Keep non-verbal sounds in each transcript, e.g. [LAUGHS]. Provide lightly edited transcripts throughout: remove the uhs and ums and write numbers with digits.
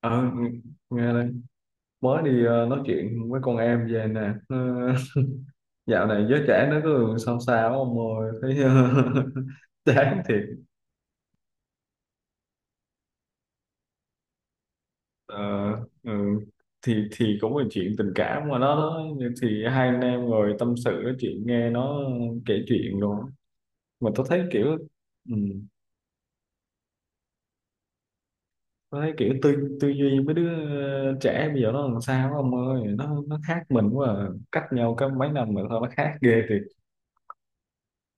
Ờ, ng- Nghe đây, mới đi nói chuyện với con em về nè. [LAUGHS] Dạo này giới trẻ nó cứ sao sao ông ơi, thấy [LAUGHS] chán thiệt. Ờ, ừ. Thì cũng là chuyện tình cảm mà nó thì hai anh em ngồi tâm sự nói chuyện nghe nó kể chuyện rồi. Mà tôi thấy kiểu, ừ, tôi thấy kiểu tư tư duy mấy đứa trẻ bây giờ nó làm sao ông ơi, nó khác mình quá à. Cách nhau có mấy năm mà sao nó khác ghê thiệt.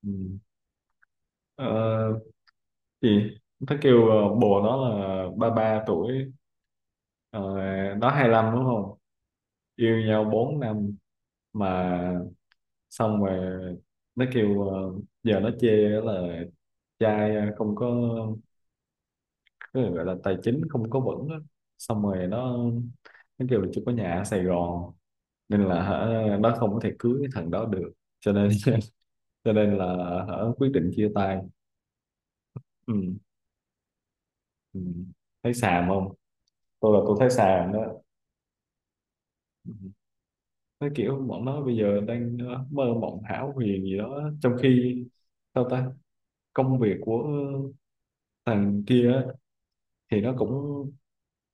Ừ. Ờ, Gì? Nó kêu bồ nó là 33 tuổi, ờ, nó 25 đúng không. Yêu nhau 4 năm. Mà xong rồi, nó kêu giờ nó chê là trai không có cái gọi là tài chính không có vững á. Xong rồi nó kêu là chưa có nhà ở Sài Gòn. Nên là, hả, nó không có thể cưới cái thằng đó được. Cho nên [LAUGHS] cho nên là, hả, quyết định chia tay. Ừ. Ừ. Thấy xàm không? Tôi là tôi thấy xàm đó. Ừ. Nó kiểu bọn nó bây giờ đang mơ mộng hão huyền gì đó, trong khi sao ta, công việc của thằng kia á, thì nó cũng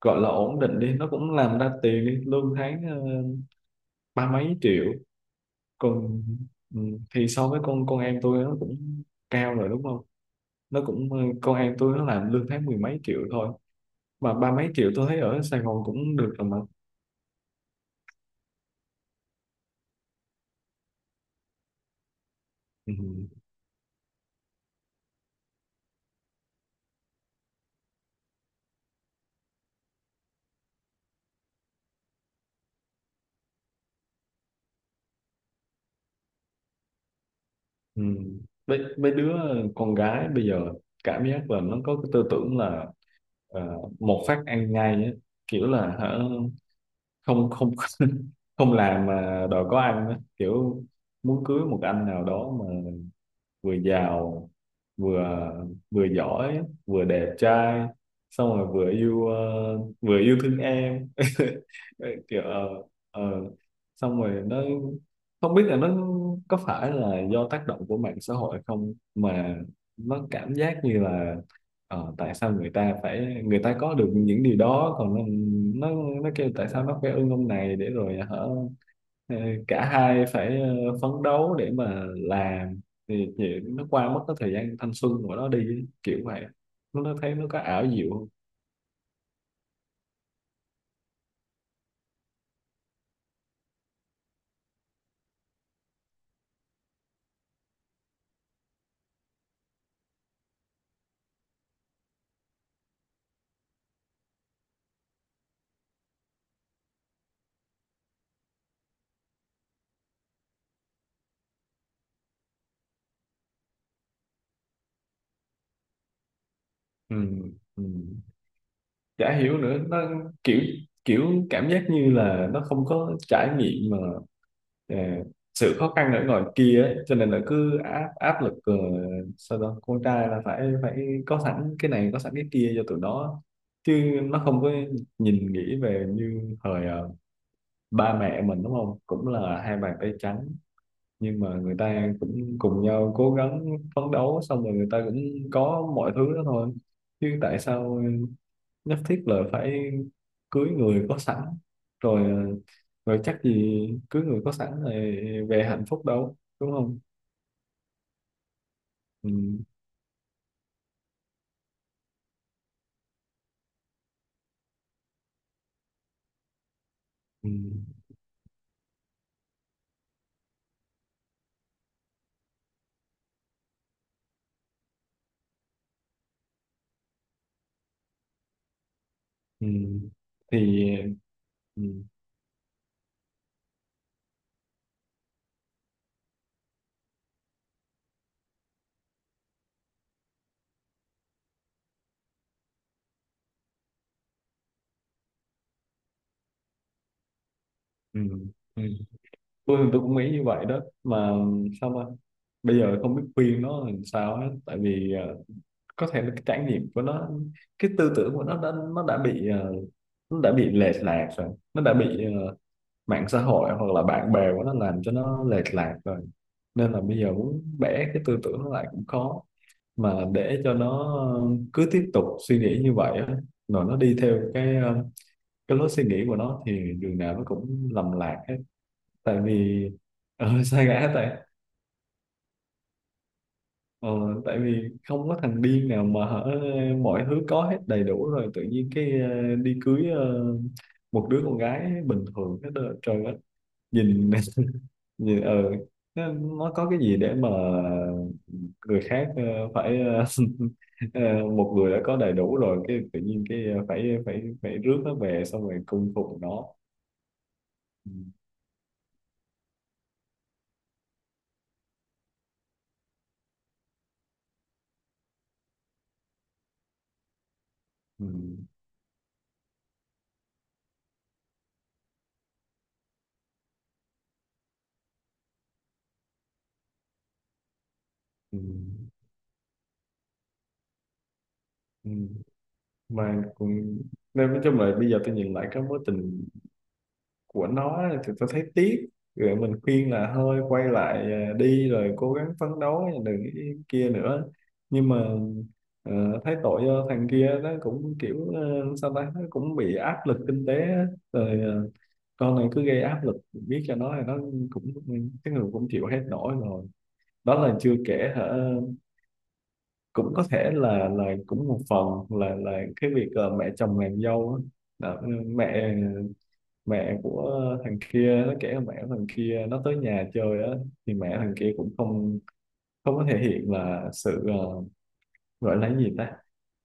gọi là ổn định đi, nó cũng làm ra tiền đi, lương tháng ba mấy triệu. Còn, ừ, thì so với con em tôi nó cũng cao rồi đúng không. Nó cũng con em tôi nó làm lương tháng mười mấy triệu thôi, mà ba mấy triệu tôi thấy ở Sài Gòn cũng được rồi mà. Ừ. Ừ. Mấy đứa con gái bây giờ cảm giác là nó có cái tư tưởng là ờ, một phát ăn ngay á, kiểu là, hả, không không [LAUGHS] không làm mà đòi có ăn á, kiểu muốn cưới một anh nào đó vừa giàu, vừa vừa giỏi, vừa đẹp trai, xong rồi vừa yêu thương em [LAUGHS] kiểu, ờ. Xong rồi nó không biết là nó có phải là do tác động của mạng xã hội không, mà nó cảm giác như là, tại sao người ta có được những điều đó, còn nó, nó, nó kêu tại sao nó phải ưng ông này để rồi, hả, ờ, cả hai phải phấn đấu để mà làm thì chị nó qua mất cái thời gian thanh xuân của nó đi ấy, kiểu vậy. Nó thấy nó có ảo diệu không? Ừ. Ừ. Chả hiểu nữa, nó kiểu kiểu cảm giác như là nó không có trải nghiệm mà, ờ, sự khó khăn ở ngoài kia ấy. Cho nên là cứ áp áp lực, sao đó con trai là phải phải có sẵn cái này có sẵn cái kia cho tụi nó, chứ nó không có nhìn nghĩ về như thời ba mẹ mình đúng không, cũng là hai bàn tay trắng, nhưng mà người ta cũng cùng nhau cố gắng phấn đấu xong rồi người ta cũng có mọi thứ đó thôi. Chứ tại sao nhất thiết là phải cưới người có sẵn rồi, rồi chắc gì cưới người có sẵn rồi về hạnh phúc đâu đúng không. Ừ, ừ, ừ. Thì, ừ, ừ, ừ. Tôi cũng nghĩ như vậy đó, mà sao mà bây giờ không biết khuyên nó làm sao hết, tại vì có thể là cái trải nghiệm của nó, cái tư tưởng của nó nó đã bị lệch lạc rồi, nó đã bị mạng xã hội hoặc là bạn bè của nó làm cho nó lệch lạc rồi. Nên là bây giờ muốn bẻ cái tư tưởng nó lại cũng khó, mà để cho nó cứ tiếp tục suy nghĩ như vậy á, rồi nó đi theo cái lối suy nghĩ của nó thì đường nào nó cũng lầm lạc hết. Tại vì [LAUGHS] sai ngã, tại. Ờ, tại vì không có thằng điên nào mà, hở, mọi thứ có hết đầy đủ rồi tự nhiên cái đi cưới một đứa con gái bình thường hết đó, trời ơi. Nhìn [LAUGHS] nhìn nó có cái gì để mà người khác phải [LAUGHS] một người đã có đầy đủ rồi cái tự nhiên cái phải phải phải rước nó về xong rồi cung phụng nó. Ừ, ừ, ừ, ừ. Mà cũng, nên nói chung là bây giờ tôi nhìn lại cái mối tình của nó thì tôi thấy tiếc. Rồi mình khuyên là thôi quay lại à, đi rồi cố gắng phấn đấu đừng cái kia nữa. Nhưng mà, ờ, thấy tội cho thằng kia nó cũng kiểu sao ta, nó cũng bị áp lực kinh tế á. Rồi con này cứ gây áp lực biết cho nó thì nó cũng, cái người cũng chịu hết nổi rồi. Đó là chưa kể, hả, cũng có thể là cũng một phần là cái việc mẹ chồng nàng dâu á. Đó, mẹ mẹ của thằng kia nó kể là mẹ của thằng kia nó tới nhà chơi á, thì mẹ thằng kia cũng không không có thể hiện là sự gọi là cái gì ta.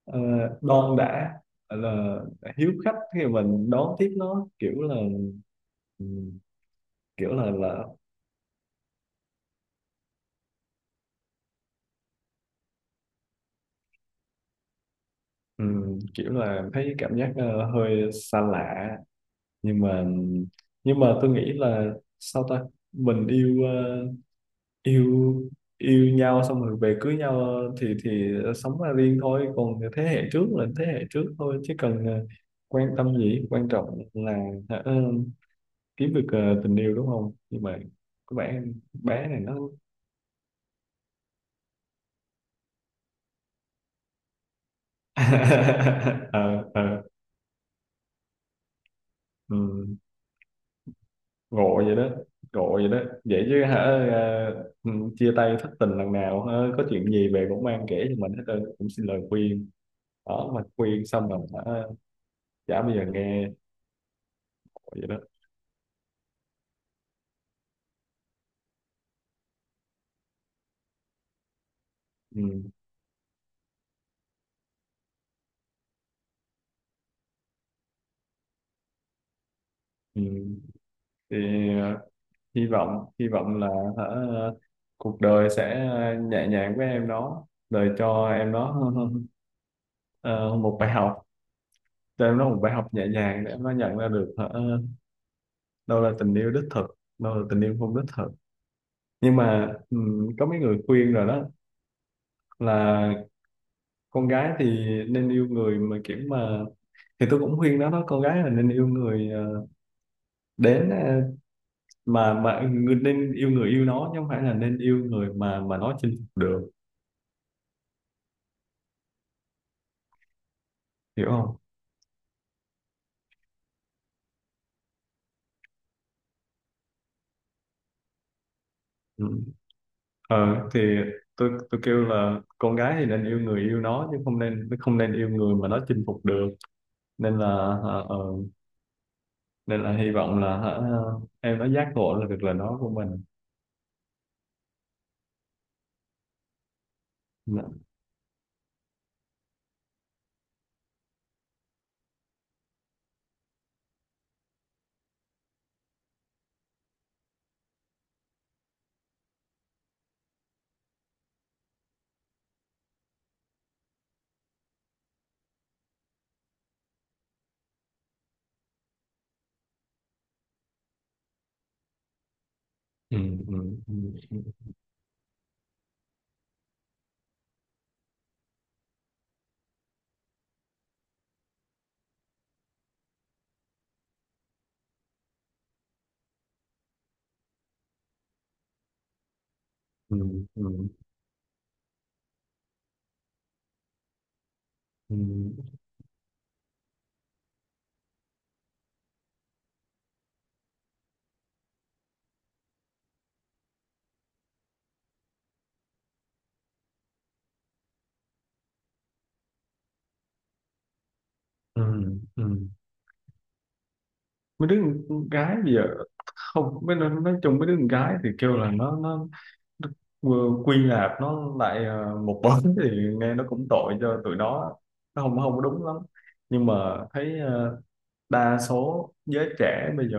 Ờ, đon đã, là hiếu khách khi mà mình đón tiếp nó kiểu là, ừm, kiểu là kiểu là thấy cảm giác hơi xa lạ. Nhưng mà tôi nghĩ là, sao ta, mình yêu ờ, yêu yêu nhau xong rồi về cưới nhau thì sống ra riêng thôi, còn thế hệ trước là thế hệ trước thôi, chứ cần quan tâm gì, quan trọng là ờ, kiếm được tình yêu đúng không. Nhưng mà có vẻ bé này nó [LAUGHS] ờ ờ ừ, ngộ vậy đó, ngộ vậy đó. Vậy chứ, hả, ờ, ừ, chia tay thất tình lần nào, hả, có chuyện gì về cũng mang kể cho mình hết trơn, cũng xin lời khuyên đó. Mà khuyên xong rồi, hả, chả bao giờ nghe. Ngộ vậy đó. Ừ. Ừ. Thì, ờ, hy vọng là, hả, cuộc đời sẽ nhẹ nhàng với em đó, đời cho em nó [LAUGHS] ờ, một bài học cho em nó, một bài học nhẹ nhàng để em nó nhận ra được, hả, đâu là tình yêu đích thực, đâu là tình yêu không đích thực. Nhưng mà, có mấy người khuyên rồi đó, là con gái thì nên yêu người mà kiểu mà, thì tôi cũng khuyên nó đó, con gái là nên yêu người đến nên yêu người yêu nó chứ không phải là nên yêu người mà nó chinh phục được. Hiểu không? Ừ. Thì tôi kêu là con gái thì nên yêu người yêu nó, chứ không nên nó không nên yêu người mà nó chinh phục được. nên là ờ, ờ, Nên là hy vọng là, hả, em nó giác ngộ là được, là nó của mình. Dạ. Ừ, ừ, ừ, ừ, ừ, ừ, ừ, ừ. Ừ. Mấy đứa con gái bây giờ, không mấy đứa, nói chung mấy đứa con gái thì kêu là nó Đức, quy nạp nó lại một bóng [LAUGHS] thì nghe nó cũng tội cho tụi nó. Nó không không có đúng lắm, nhưng mà thấy đa số giới trẻ bây giờ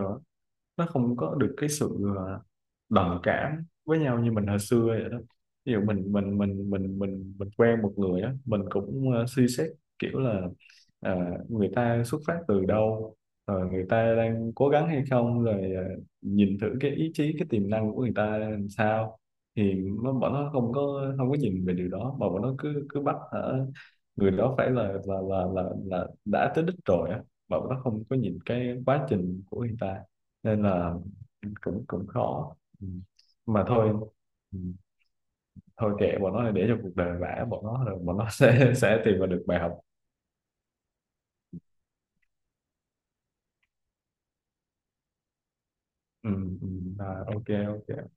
nó không có được cái sự đồng cảm với nhau như mình hồi xưa vậy đó. Ví dụ mình quen một người á, mình cũng suy xét kiểu là ờ, người ta xuất phát từ đâu, rồi người ta đang cố gắng hay không, rồi nhìn thử cái ý chí, cái tiềm năng của người ta làm sao. Thì bọn nó không có nhìn về điều đó, mà bọn nó cứ cứ bắt, hả, người đó phải là đã tới đích rồi á, mà bọn nó không có nhìn cái quá trình của người ta. Nên là cũng cũng khó. Ừ. Mà thôi. Ừ. Thôi kệ bọn nó để cho cuộc đời vả bọn nó, rồi bọn nó [LAUGHS] sẽ tìm ra được bài học. Ừ. Ừ. À, ok ok.